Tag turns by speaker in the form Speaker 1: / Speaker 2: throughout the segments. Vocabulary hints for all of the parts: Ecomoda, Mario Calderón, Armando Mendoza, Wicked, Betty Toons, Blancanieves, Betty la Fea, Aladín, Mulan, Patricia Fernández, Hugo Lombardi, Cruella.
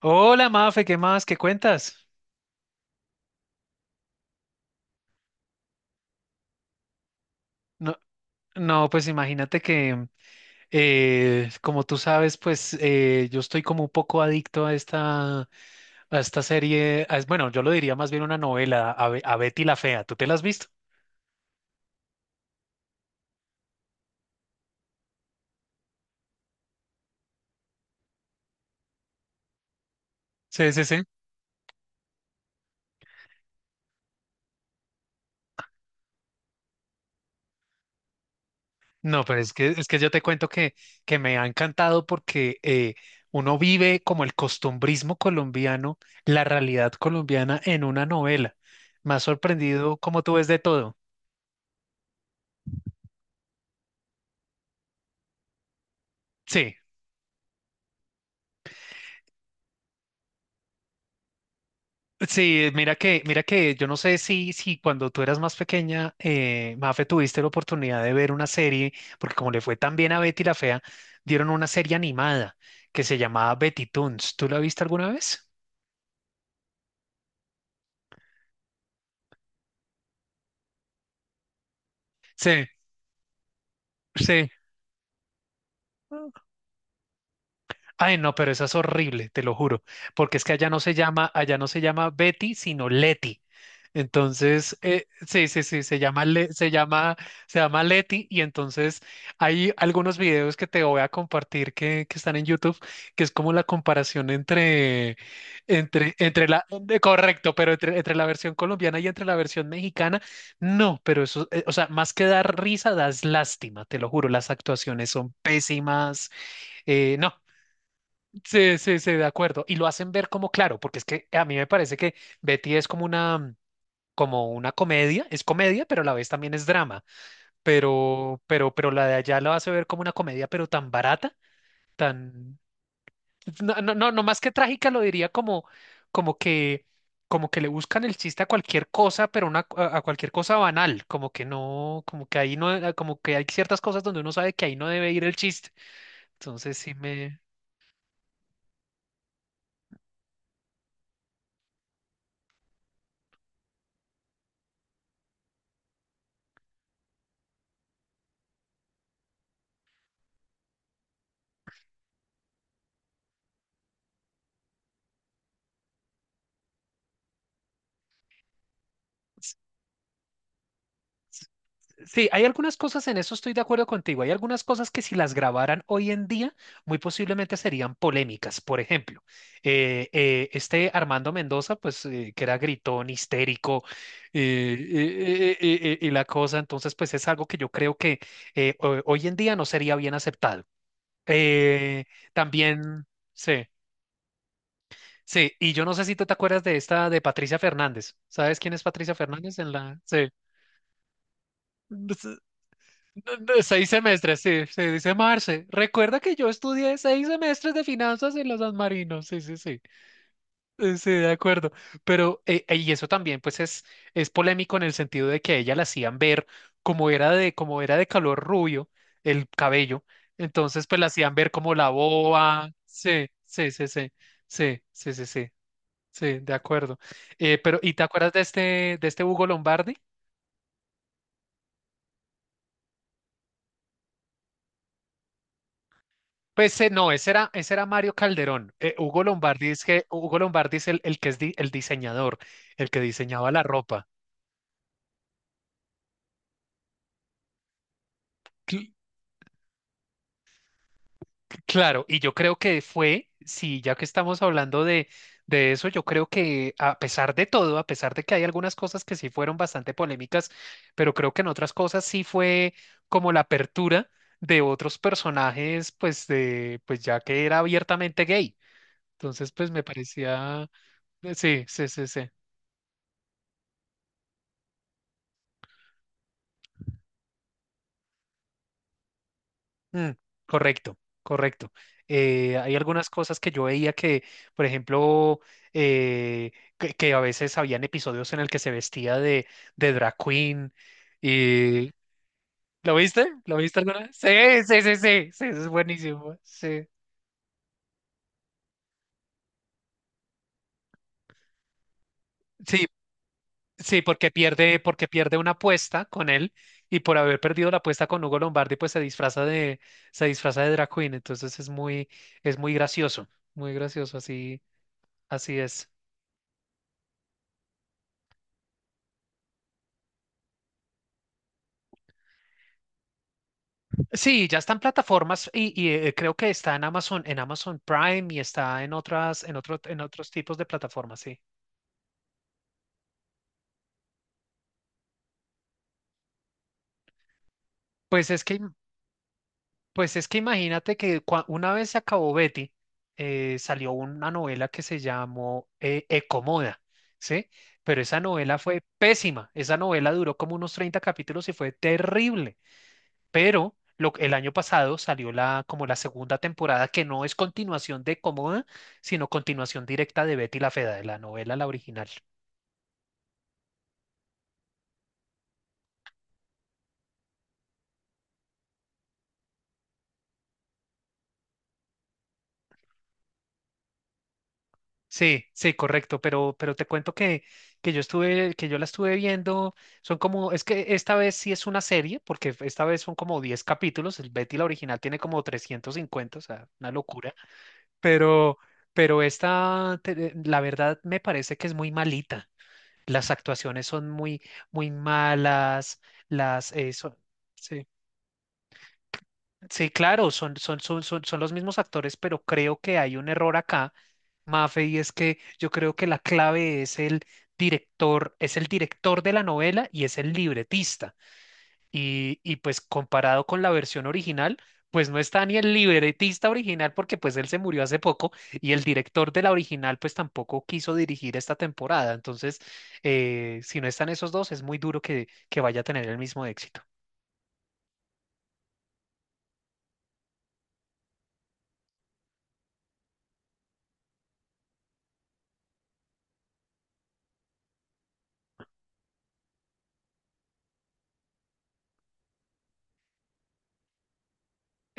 Speaker 1: Hola, Mafe, ¿qué más? ¿Qué cuentas? No, no, pues imagínate que, como tú sabes, pues yo estoy como un poco adicto a esta serie, bueno, yo lo diría más bien una novela, a Betty la Fea. ¿Tú te la has visto? Sí, sí, sí. No, pero es que yo te cuento que me ha encantado porque uno vive como el costumbrismo colombiano, la realidad colombiana en una novela. Me ha sorprendido cómo tú ves de todo. Sí. Sí, mira que yo no sé si cuando tú eras más pequeña, Mafe, tuviste la oportunidad de ver una serie, porque como le fue tan bien a Betty la Fea, dieron una serie animada que se llamaba Betty Toons. ¿Tú la viste alguna vez? Sí, sí. Ay, no, pero esa es horrible, te lo juro, porque es que allá no se llama Betty, sino Leti. Entonces, sí, sí, sí, se llama Leti y entonces hay algunos videos que te voy a compartir que están en YouTube, que es como la comparación correcto, pero entre la versión colombiana y entre la versión mexicana. No, pero eso, o sea, más que dar risa, das lástima, te lo juro, las actuaciones son pésimas, no. Sí, sí, sí, de acuerdo. Y lo hacen ver como claro, porque es que a mí me parece que Betty es como una comedia, es comedia, pero a la vez también es drama. Pero la de allá lo hace ver como una comedia, pero tan barata, tan, no, no, no, no más que trágica, lo diría como, como que, como que le buscan el chiste a cualquier cosa, pero una, a cualquier cosa banal, como que no, como que ahí no, como que hay ciertas cosas donde uno sabe que ahí no debe ir el chiste. Entonces sí me. Sí, hay algunas cosas, en eso estoy de acuerdo contigo, hay algunas cosas que si las grabaran hoy en día, muy posiblemente serían polémicas. Por ejemplo, este Armando Mendoza, pues que era gritón, histérico, y la cosa, entonces pues es algo que yo creo que hoy en día no sería bien aceptado. Eh, también, sí, sí, y yo no sé si tú te acuerdas de esta de Patricia Fernández. ¿Sabes quién es Patricia Fernández en la... Sí. De seis semestres, sí, sí, dice Marce. Recuerda que yo estudié seis semestres de finanzas en los San Marino. Sí, sí, sí. Sí, de acuerdo. Pero, y eso también, pues, es polémico en el sentido de que a ella la hacían ver como era de color rubio el cabello. Entonces, pues, la hacían ver como la boba. Sí, sí, sí, sí. Sí, sí, sí, sí. Sí, de acuerdo. Pero, ¿y te acuerdas de de este Hugo Lombardi? Pues no, ese era Mario Calderón. Hugo Lombardi es que Hugo Lombardi es el que el diseñador, el que diseñaba la ropa. Cl- claro, y yo creo que fue, sí, ya que estamos hablando de eso, yo creo que a pesar de todo, a pesar de que hay algunas cosas que sí fueron bastante polémicas, pero creo que en otras cosas sí fue como la apertura de otros personajes, pues de, pues ya que era abiertamente gay. Entonces, pues me parecía, sí, sí, sí, sí. Mm, correcto, correcto. Hay algunas cosas que yo veía que, por ejemplo, eh, que a veces habían episodios en el que se vestía de drag queen y... ¿Lo viste? ¿Lo viste alguna vez? Sí, sí, sí, sí, sí, eso es buenísimo. Sí, sí, sí, porque pierde una apuesta con él y por haber perdido la apuesta con Hugo Lombardi, pues se disfraza de drag queen. Entonces es muy gracioso, así, así es. Sí, ya están plataformas creo que está en Amazon Prime y está en otras, en otros tipos de plataformas, sí. Pues es que, im- pues es que imagínate que una vez se acabó Betty, salió una novela que se llamó Ecomoda, ¿sí? Pero esa novela fue pésima. Esa novela duró como unos 30 capítulos y fue terrible. El año pasado salió la, como la segunda temporada, que no es continuación de Comoda, sino continuación directa de Betty la Fea, de la novela, la original. Sí, sí, correcto, pero te cuento que, que yo la estuve viendo, son como, es que esta vez sí es una serie, porque esta vez son como 10 capítulos, el Betty la original tiene como 350, o sea, una locura, pero, pero esta, la verdad me parece que es muy malita. Las actuaciones son muy, muy malas, las, eh, son- sí, sí, claro, son los mismos actores, pero creo que hay un error acá, Mafe, y es que yo creo que la clave es el director de la novela y es el libretista. Y pues comparado con la versión original, pues no está ni el libretista original porque pues él se murió hace poco y el director de la original pues tampoco quiso dirigir esta temporada. Entonces, si no están esos dos, es muy duro que vaya a tener el mismo éxito.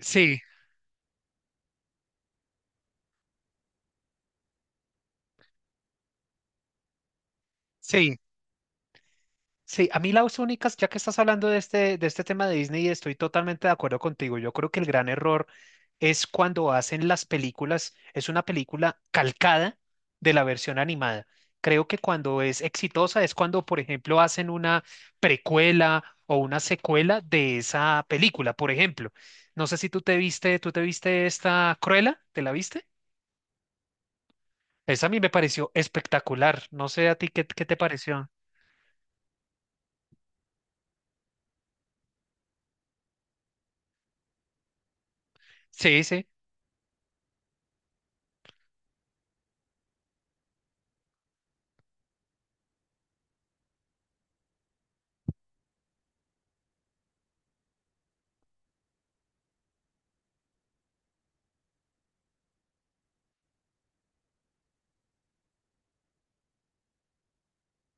Speaker 1: Sí, sí. Sí, a mí las únicas, ya que estás hablando de de este tema de Disney, estoy totalmente de acuerdo contigo. Yo creo que el gran error es cuando hacen las películas, es una película calcada de la versión animada. Creo que cuando es exitosa es cuando, por ejemplo, hacen una precuela o una secuela de esa película, por ejemplo. No sé si tú te viste esta Cruella, ¿te la viste? Esa a mí me pareció espectacular. No sé a ti qué, qué te pareció. Sí, sí.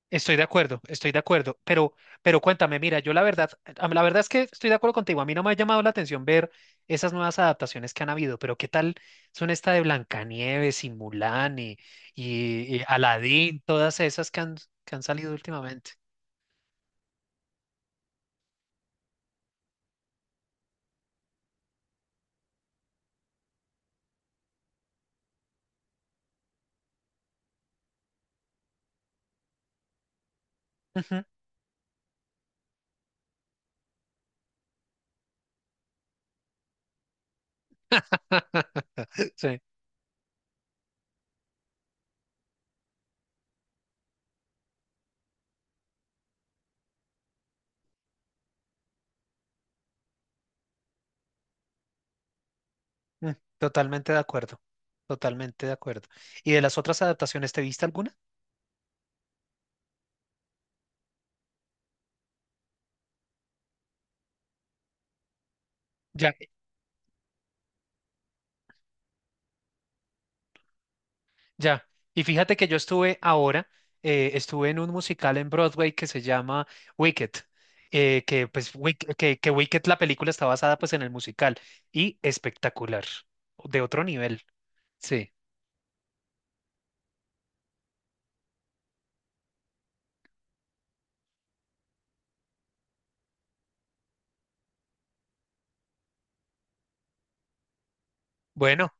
Speaker 1: Estoy de acuerdo, pero cuéntame, mira, yo la verdad, la verdad es que estoy de acuerdo contigo, a mí no me ha llamado la atención ver esas nuevas adaptaciones que han habido, pero ¿qué tal son esta de Blancanieves y Mulan y Aladín, todas esas que han salido últimamente? Ujú. Sí, mm, totalmente de acuerdo, totalmente de acuerdo. ¿Y de las otras adaptaciones, te viste alguna? Ya, y fíjate que yo estuve ahora, estuve en un musical en Broadway que se llama Wicked, que Wicked la película está basada pues en el musical y espectacular, de otro nivel, sí. Bueno,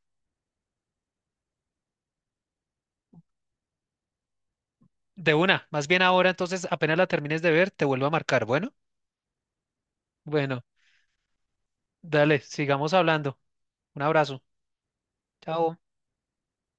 Speaker 1: de una, más bien ahora entonces apenas la termines de ver, te vuelvo a marcar, bueno, bueno, dale, sigamos hablando, un abrazo, chao.